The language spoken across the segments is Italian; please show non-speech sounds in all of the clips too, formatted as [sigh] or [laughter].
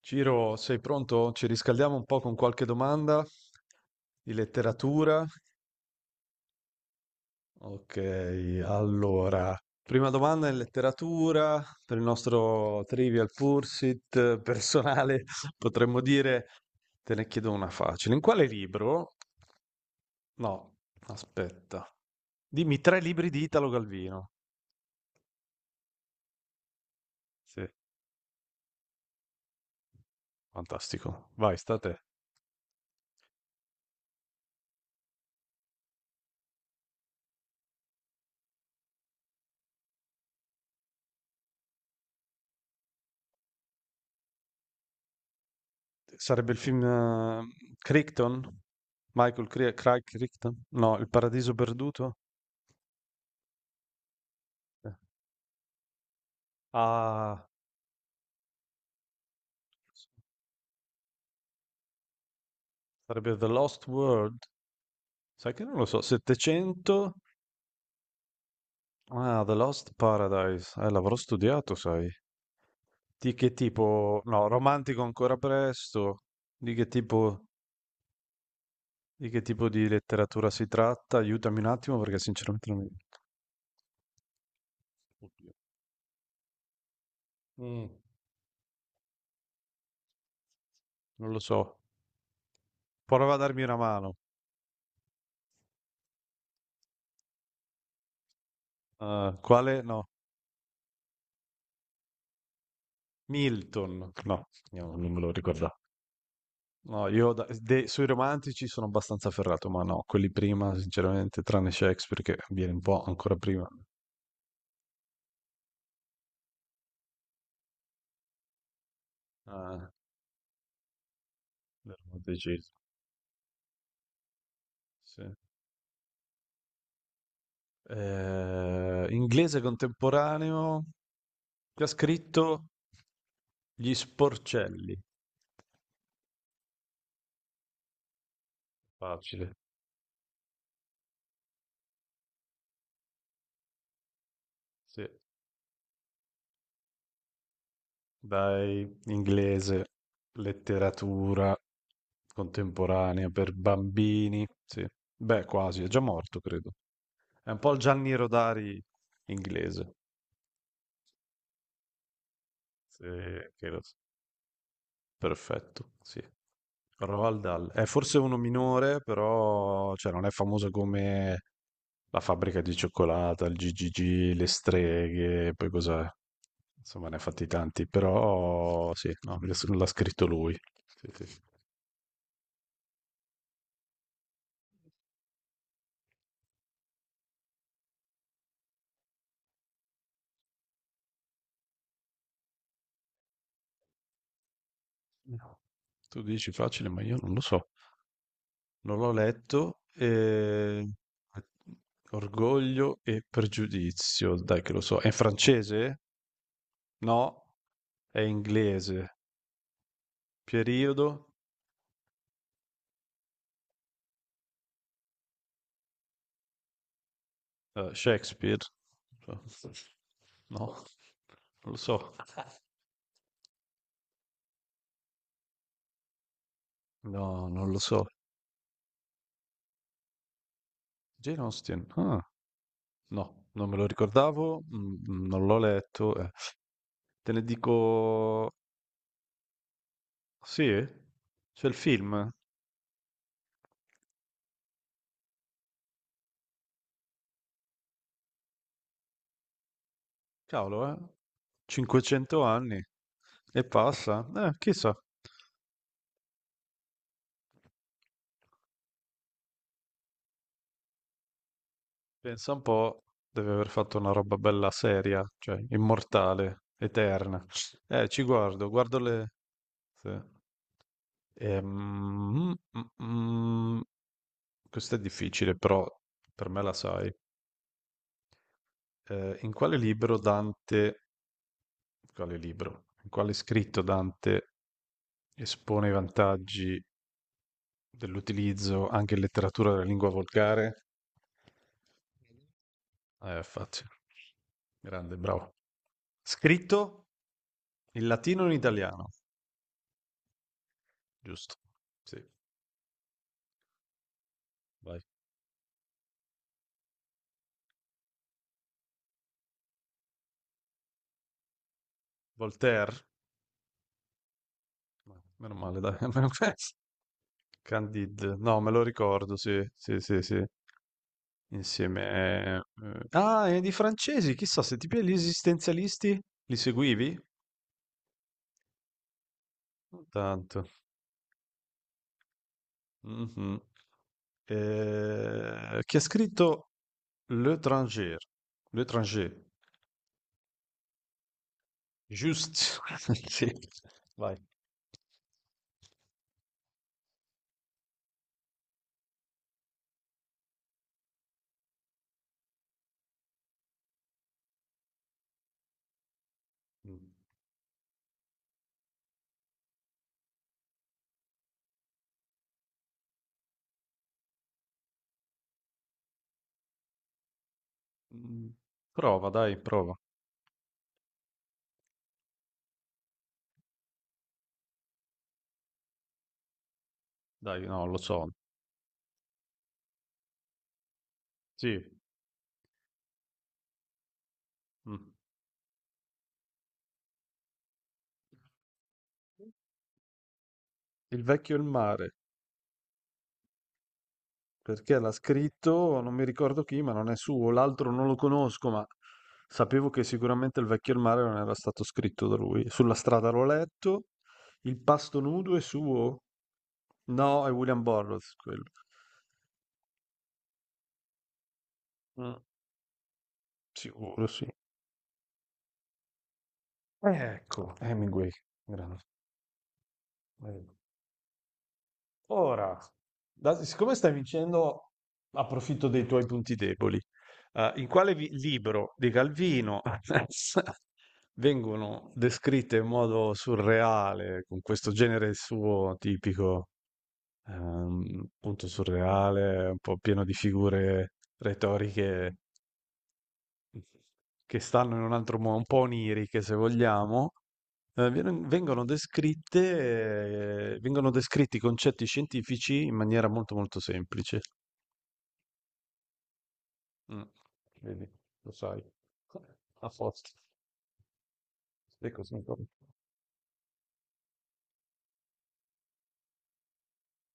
Ciro, sei pronto? Ci riscaldiamo un po' con qualche domanda di letteratura. Ok, allora, prima domanda in letteratura per il nostro Trivial Pursuit personale, [laughs] potremmo dire, te ne chiedo una facile. In quale libro? No, aspetta. Dimmi tre libri di Italo Galvino. Sì, fantastico. Vai, sta a te. Sarebbe il film, Crichton? Michael Cri Craig Crichton? No, Il paradiso perduto? Eh. Ah, sarebbe The Lost World? Sai che non lo so, 700? Ah, The Lost Paradise. L'avrò studiato, sai. Di che tipo? No, romantico ancora presto. Di che tipo, di che tipo di letteratura si tratta? Aiutami un attimo perché sinceramente non mi... Oddio. Mm, non lo so. Prova a darmi una mano. Quale? No. Milton, no, io non me lo ricordavo. No, io sui romantici sono abbastanza ferrato, ma no, quelli prima, sinceramente, tranne Shakespeare che viene un po' ancora prima ah, del romanticismo. Sì. Inglese contemporaneo, che ha scritto Gli Sporcelli. Facile. Sì. Dai, inglese, letteratura contemporanea per bambini. Sì. Beh, quasi, è già morto, credo. È un po' il Gianni Rodari inglese. Sì, che lo- Perfetto, sì. Roald Dahl. È forse uno minore, però cioè, non è famoso come la fabbrica di cioccolata, il GGG, le streghe, poi cos'è? Insomma, ne ha fatti tanti, però sì, no, l'ha scritto lui. Sì, sì. No. Tu dici facile, ma io non lo so. Non l'ho letto. Orgoglio e pregiudizio, dai che lo so. È in francese? No, è inglese. Periodo, Shakespeare. No, non lo so. No, non lo so. Jane Austen. Ah, no, non me lo ricordavo, non l'ho letto. Te ne dico... Sì? C'è il film. Cavolo, eh. 500 anni. E passa. Chissà. Pensa un po', deve aver fatto una roba bella seria, cioè immortale, eterna. Ci guardo le... sì. Ehm, mm, mm, mm. Questo è difficile, però per me la sai. Eh, in quale libro Dante, in quale scritto Dante espone i vantaggi dell'utilizzo anche in letteratura della lingua volgare? Facile. Grande, bravo. Scritto? In latino e in italiano, giusto? Sì. Vai. Voltaire? No, meno male, dai. [laughs] Almeno questo. Candide, no, me lo ricordo, sì, sì, sì, sì. Insieme. eh, Ah, e di francesi, chissà se tipi gli esistenzialisti li seguivi? Non tanto. Mhm. Chi ha scritto L'étranger? L'étranger, giusto? [laughs] Sì, vai. Mm. Prova. Dai, no, lo so. Sì. Mm. Il vecchio e il mare, perché l'ha scritto, non mi ricordo chi, ma non è suo, l'altro non lo conosco, ma sapevo che sicuramente il vecchio e il mare non era stato scritto da lui. Sulla strada l'ho letto, il pasto nudo è suo? No, è William Burroughs quello. Mm, sicuro, sì. Ecco, Hemingway. Grande. Eh. Ora, siccome stai vincendo, approfitto dei tuoi punti deboli. In quale libro di Calvino [laughs] vengono descritte in modo surreale, con questo genere suo tipico, appunto surreale, un po' pieno di figure retoriche che stanno in un altro modo, un po' oniriche se vogliamo, vengono descritti i concetti scientifici in maniera molto molto semplice. Mm, vedi, lo sai, [laughs] a posto. Sì, così.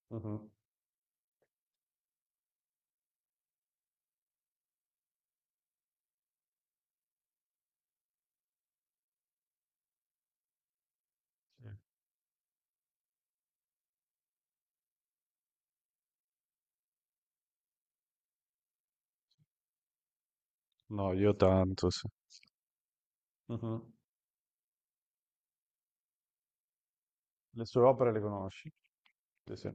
Mhm, sì. No, io tanto, sì. Mhm. Le sue opere le conosci? Sì, sì.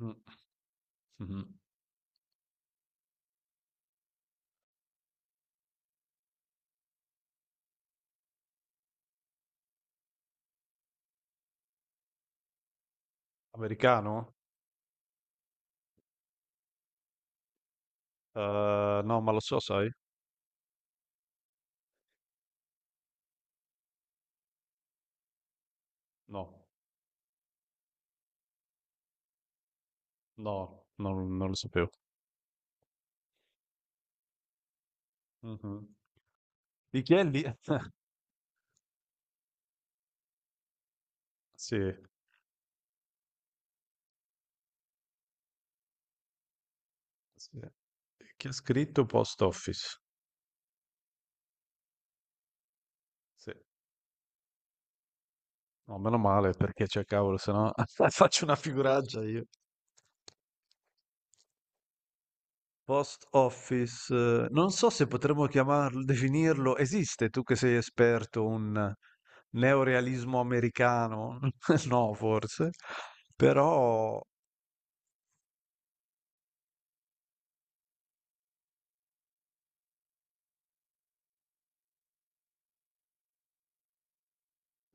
Mm, mhm. Americano? No, ma lo so, sai? No, no, non lo sapevo. Mhm. Di chi è lì? [laughs] Sì, sì. Chi ha scritto Post Office? Sì. No, meno male perché c'è cavolo, se no [laughs] faccio una figuraccia io. Post office, non so se potremmo chiamarlo, definirlo, esiste, tu che sei esperto, un neorealismo americano? [laughs] No, forse, però,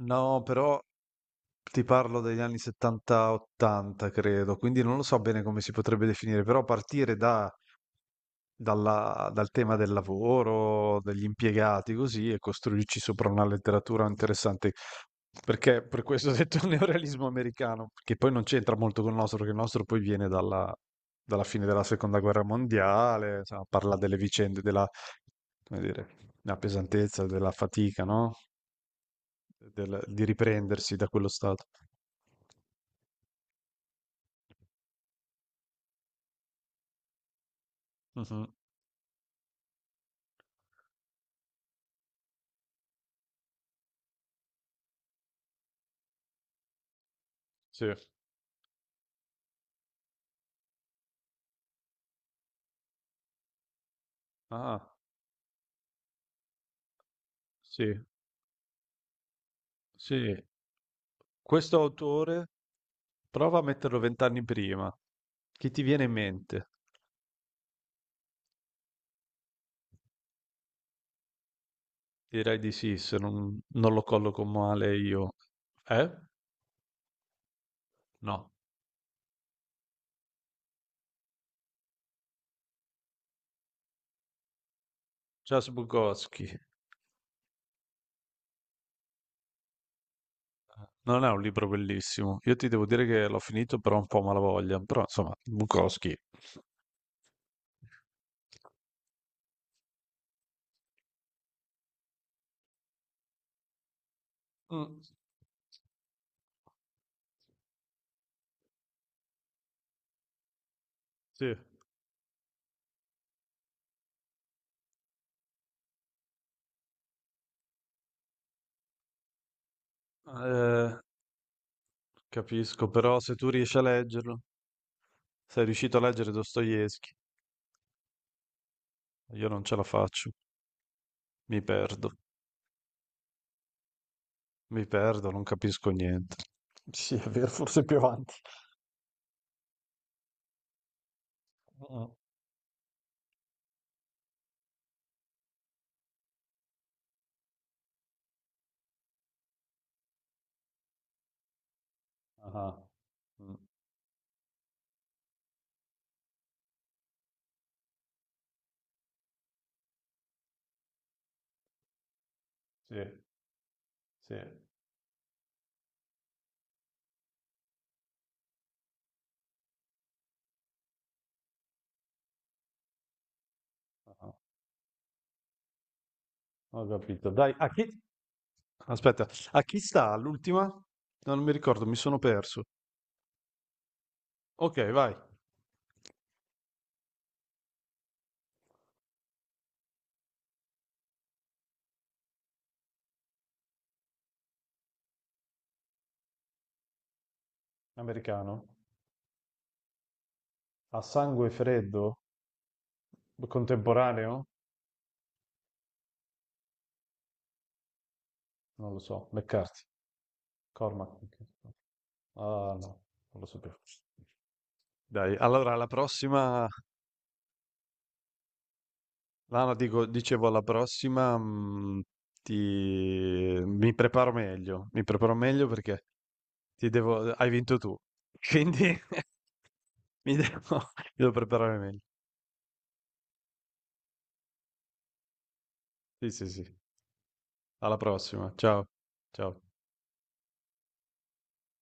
no, però ti parlo degli anni 70-80, credo, quindi non lo so bene come si potrebbe definire, però partire dal tema del lavoro, degli impiegati, così, e costruirci sopra una letteratura interessante. Perché per questo ho detto [laughs] neorealismo americano, che poi non c'entra molto con il nostro, perché il nostro poi viene dalla fine della seconda guerra mondiale, insomma, parla delle vicende della, come dire, la pesantezza, della fatica, no? Di riprendersi da quello stato. Mhm, sì. Ah, sì, sì. Questo autore prova a metterlo vent'anni prima. Che ti viene in mente? Direi di sì, se non lo colloco male io. Eh? No. Charles Bukowski. Non è un libro bellissimo. Io ti devo dire che l'ho finito però un po' a malavoglia. Però insomma, Bukowski. Mm, sì. Eh, capisco, però se tu riesci a leggerlo, sei riuscito a leggere Dostoevsky, io non ce la faccio. Mi perdo, mi perdo, non capisco niente. Sì, è vero, forse più avanti. Mm. Ah-ah. Mh. Sì, sì. Ah-ah. Ho capito. Dai, a chi aspetta, a chi sta l'ultima? No, non mi ricordo, mi sono perso. Okay, vai. Americano. A sangue freddo? Contemporaneo? Non lo so. McCarthy. Cormac McCarthy. Ah, no, non lo sapevo. Dai, allora alla prossima no, no, dico dicevo alla prossima, ti mi preparo meglio perché ti devo, hai vinto tu. Quindi [laughs] mi devo preparare meglio. Sì, sì, sì. Alla prossima. Ciao. Ciao.